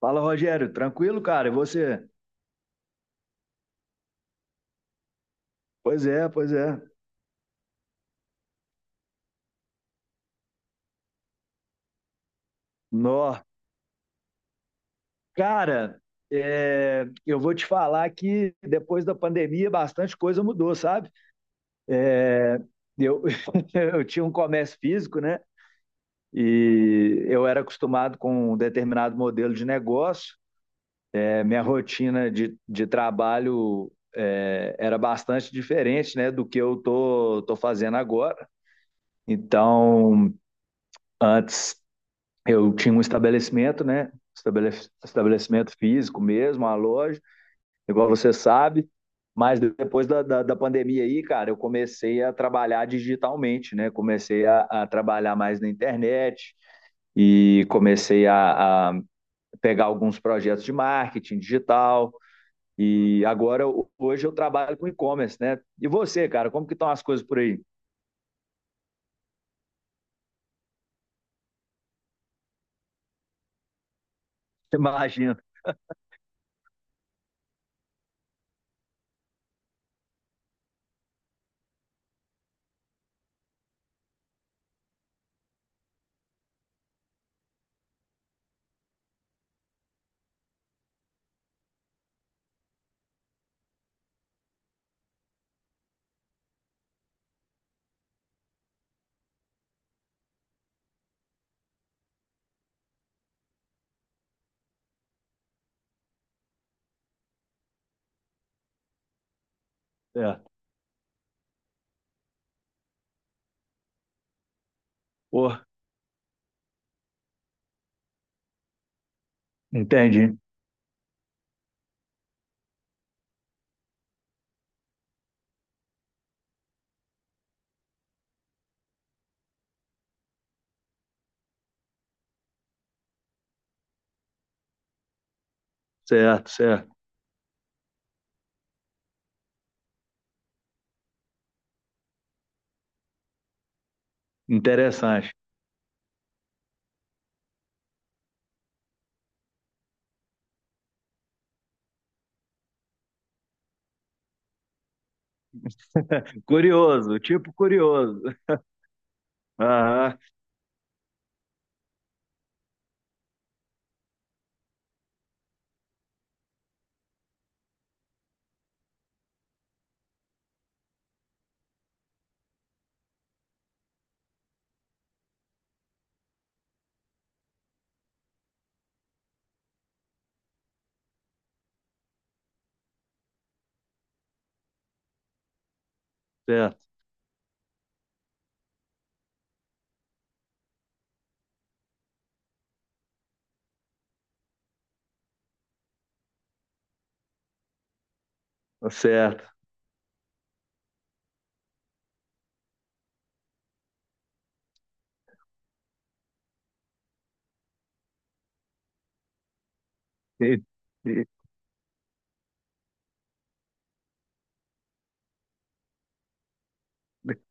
Fala, Rogério. Tranquilo, cara? E você? Pois é, pois é. Nó. Cara, eu vou te falar que depois da pandemia bastante coisa mudou, sabe? Eu, eu tinha um comércio físico, né? E eu era acostumado com um determinado modelo de negócio. Minha rotina de trabalho era bastante diferente, né, do que eu tô fazendo agora. Então, antes eu tinha um estabelecimento, né? Estabelecimento físico mesmo, uma loja, igual você sabe. Mas depois da pandemia aí, cara, eu comecei a trabalhar digitalmente, né? Comecei a trabalhar mais na internet e comecei a pegar alguns projetos de marketing digital. E agora, hoje, eu trabalho com e-commerce, né? E você, cara, como que estão as coisas por aí? Imagina. Certo. Pô, entendi. Certo, certo. Interessante. Curioso, tipo curioso. Aham, certo, tá certo. E- e-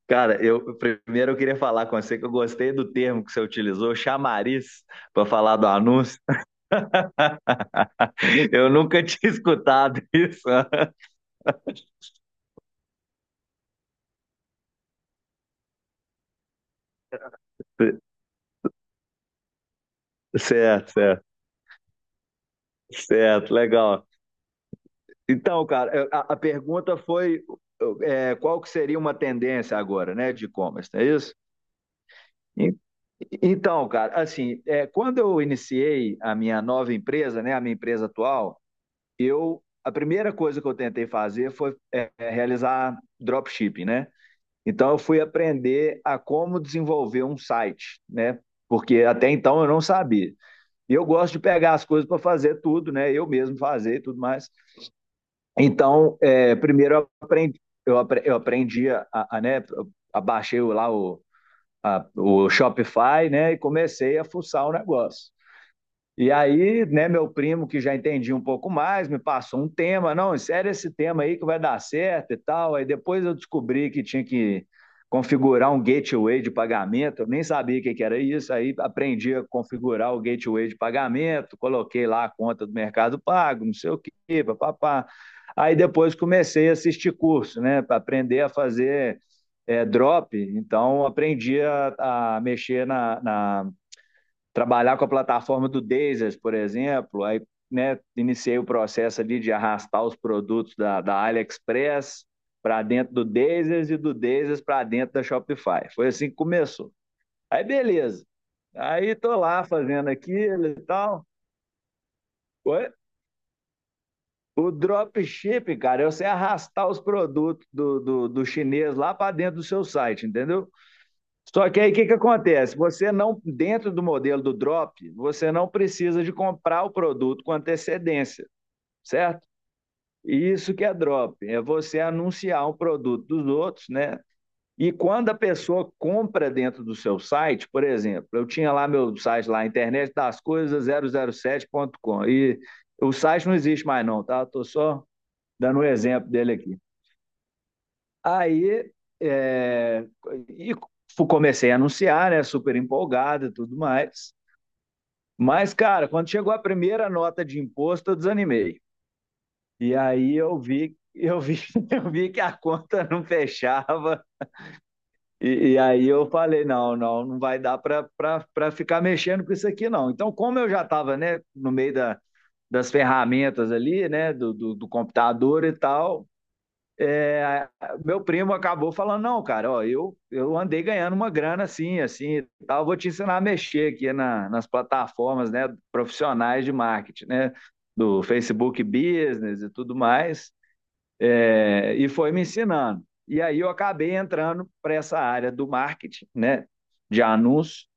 Cara, eu primeiro eu queria falar com você que eu gostei do termo que você utilizou, chamariz, para falar do anúncio. Eu nunca tinha escutado isso. Certo, certo, certo, legal. Então, cara, a pergunta foi qual que seria uma tendência agora, né, de e-commerce, não é isso? En- Então, cara, assim, quando eu iniciei a minha nova empresa, né, a minha empresa atual, eu a primeira coisa que eu tentei fazer foi realizar dropshipping, né? Então eu fui aprender a como desenvolver um site, né? Porque até então eu não sabia. E eu gosto de pegar as coisas para fazer tudo, né? Eu mesmo fazer e tudo mais. Então, primeiro eu aprendi né, eu abaixei lá o o Shopify, né? E comecei a fuçar o negócio. E aí, né, meu primo, que já entendia um pouco mais, me passou um tema, não, insere esse tema aí que vai dar certo e tal. Aí depois eu descobri que tinha que configurar um gateway de pagamento, eu nem sabia o que era isso, aí aprendi a configurar o gateway de pagamento, coloquei lá a conta do Mercado Pago, não sei o que, papapá. Aí depois comecei a assistir curso, né, para aprender a fazer drop, então aprendi a mexer na, na trabalhar com a plataforma do Dazers, por exemplo, aí né, iniciei o processo ali de arrastar os produtos da AliExpress para dentro do Dazers e do Dazers para dentro da Shopify. Foi assim que começou. Aí beleza. Aí tô lá fazendo aquilo e tal. Oi? O dropship, cara, é você arrastar os produtos do chinês lá para dentro do seu site, entendeu? Só que aí o que, que acontece? Você não, dentro do modelo do drop, você não precisa de comprar o produto com antecedência, certo? E isso que é drop, é você anunciar um produto dos outros, né? E quando a pessoa compra dentro do seu site, por exemplo, eu tinha lá meu site lá, internetdascoisas007.com, e o site não existe mais não, tá? Estou só dando um exemplo dele aqui. Aí é, e fu- Comecei a anunciar, né? Super empolgado e tudo mais. Mas, cara, quando chegou a primeira nota de imposto, eu desanimei. E aí eu vi, eu vi que a conta não fechava. E aí eu falei, não, não, não vai dar para ficar mexendo com isso aqui, não. Então, como eu já estava, né, no meio das ferramentas ali, né, do computador e tal, é, meu primo acabou falando, não, cara, ó, eu andei ganhando uma grana assim, assim, e tal, vou te ensinar a mexer aqui nas plataformas, né, profissionais de marketing, né, do Facebook Business e tudo mais, e foi me ensinando. E aí eu acabei entrando para essa área do marketing, né, de anúncios,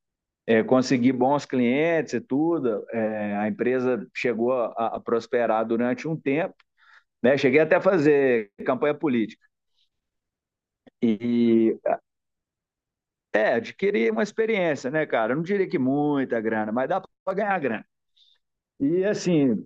consegui bons clientes e tudo, a empresa chegou a prosperar durante um tempo, né, cheguei até a fazer campanha política, e adquirir uma experiência, né, cara? Eu não diria que muita grana, mas dá para ganhar grana. E assim,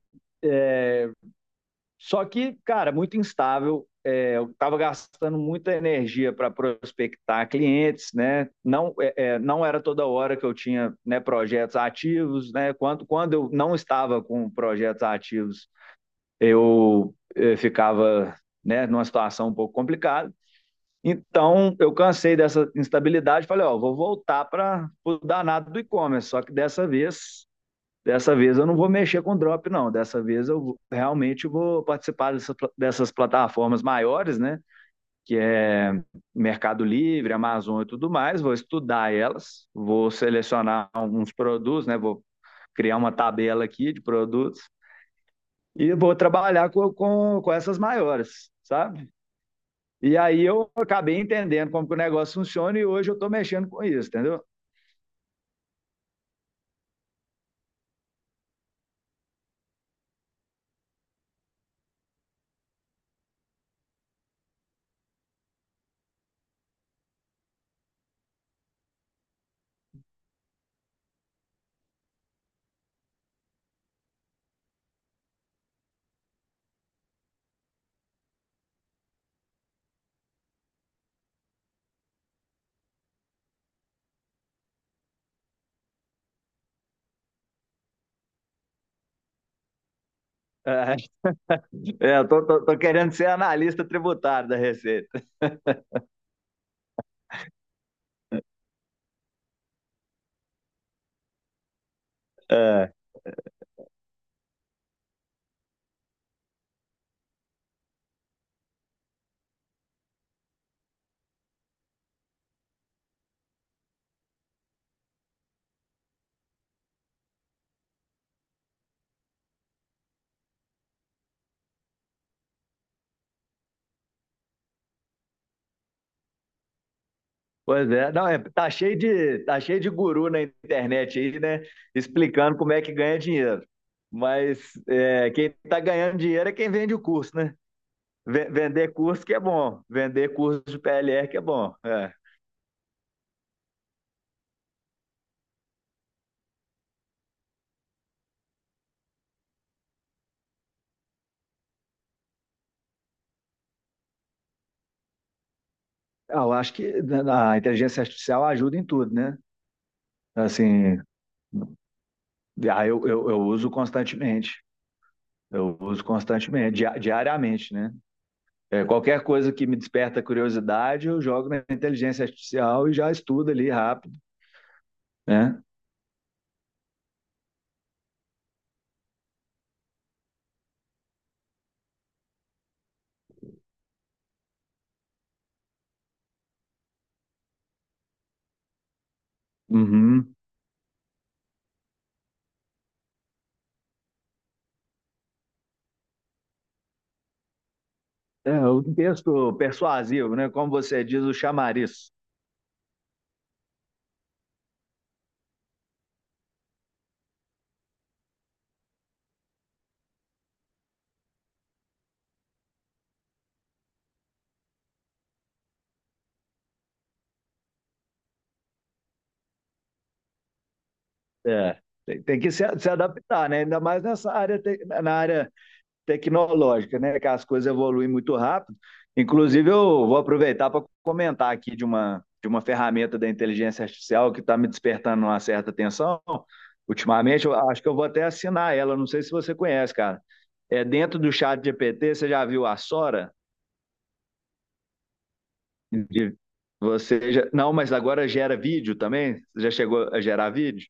só que, cara, muito instável. Eu estava gastando muita energia para prospectar clientes, né? Não, não era toda hora que eu tinha né, projetos ativos, né? Quando eu não estava com projetos ativos, eu ficava né, numa situação um pouco complicada. Então, eu cansei dessa instabilidade, falei, ó, vou voltar para o danado do e-commerce, só que dessa vez eu não vou mexer com drop, não. Dessa vez eu realmente vou participar dessas plataformas maiores, né? Que é Mercado Livre, Amazon e tudo mais. Vou estudar elas, vou selecionar alguns produtos, né? Vou criar uma tabela aqui de produtos e vou trabalhar com essas maiores, sabe? E aí eu acabei entendendo como que o negócio funciona e hoje eu estou mexendo com isso, entendeu? Eu querendo ser analista tributário da Receita. É. Pois é, não, tá cheio de guru na internet aí, né? Explicando como é que ganha dinheiro. Mas quem está ganhando dinheiro é quem vende o curso, né? Vender curso que é bom, vender curso de PLR que é bom. É. Ah, eu acho que a inteligência artificial ajuda em tudo, né? Assim, ah, eu uso constantemente. Eu uso constantemente, diariamente, né? Qualquer coisa que me desperta curiosidade, eu jogo na inteligência artificial e já estudo ali rápido, né? Uhum. É, um texto persuasivo, né? Como você diz, o chamariz. É. Tem que se adaptar, né? Ainda mais nessa área, na área tecnológica, né? Que as coisas evoluem muito rápido. Inclusive, eu vou aproveitar para comentar aqui de de uma ferramenta da inteligência artificial que está me despertando uma certa atenção. Ultimamente, eu acho que eu vou até assinar ela. Não sei se você conhece, cara. É dentro do chat GPT, você já viu a Sora? De- Você já... Não, mas agora gera vídeo também? Você já chegou a gerar vídeo?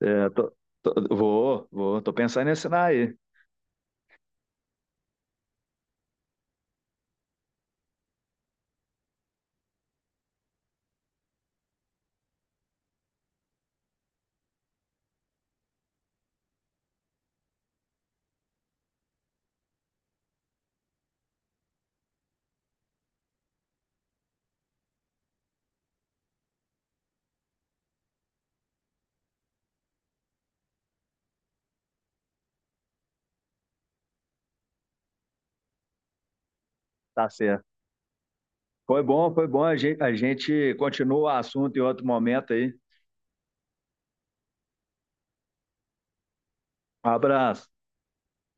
É, tô- tô pensando em assinar aí. Tá certo. Foi bom, foi bom. A gente continua o assunto em outro momento aí. Um abraço.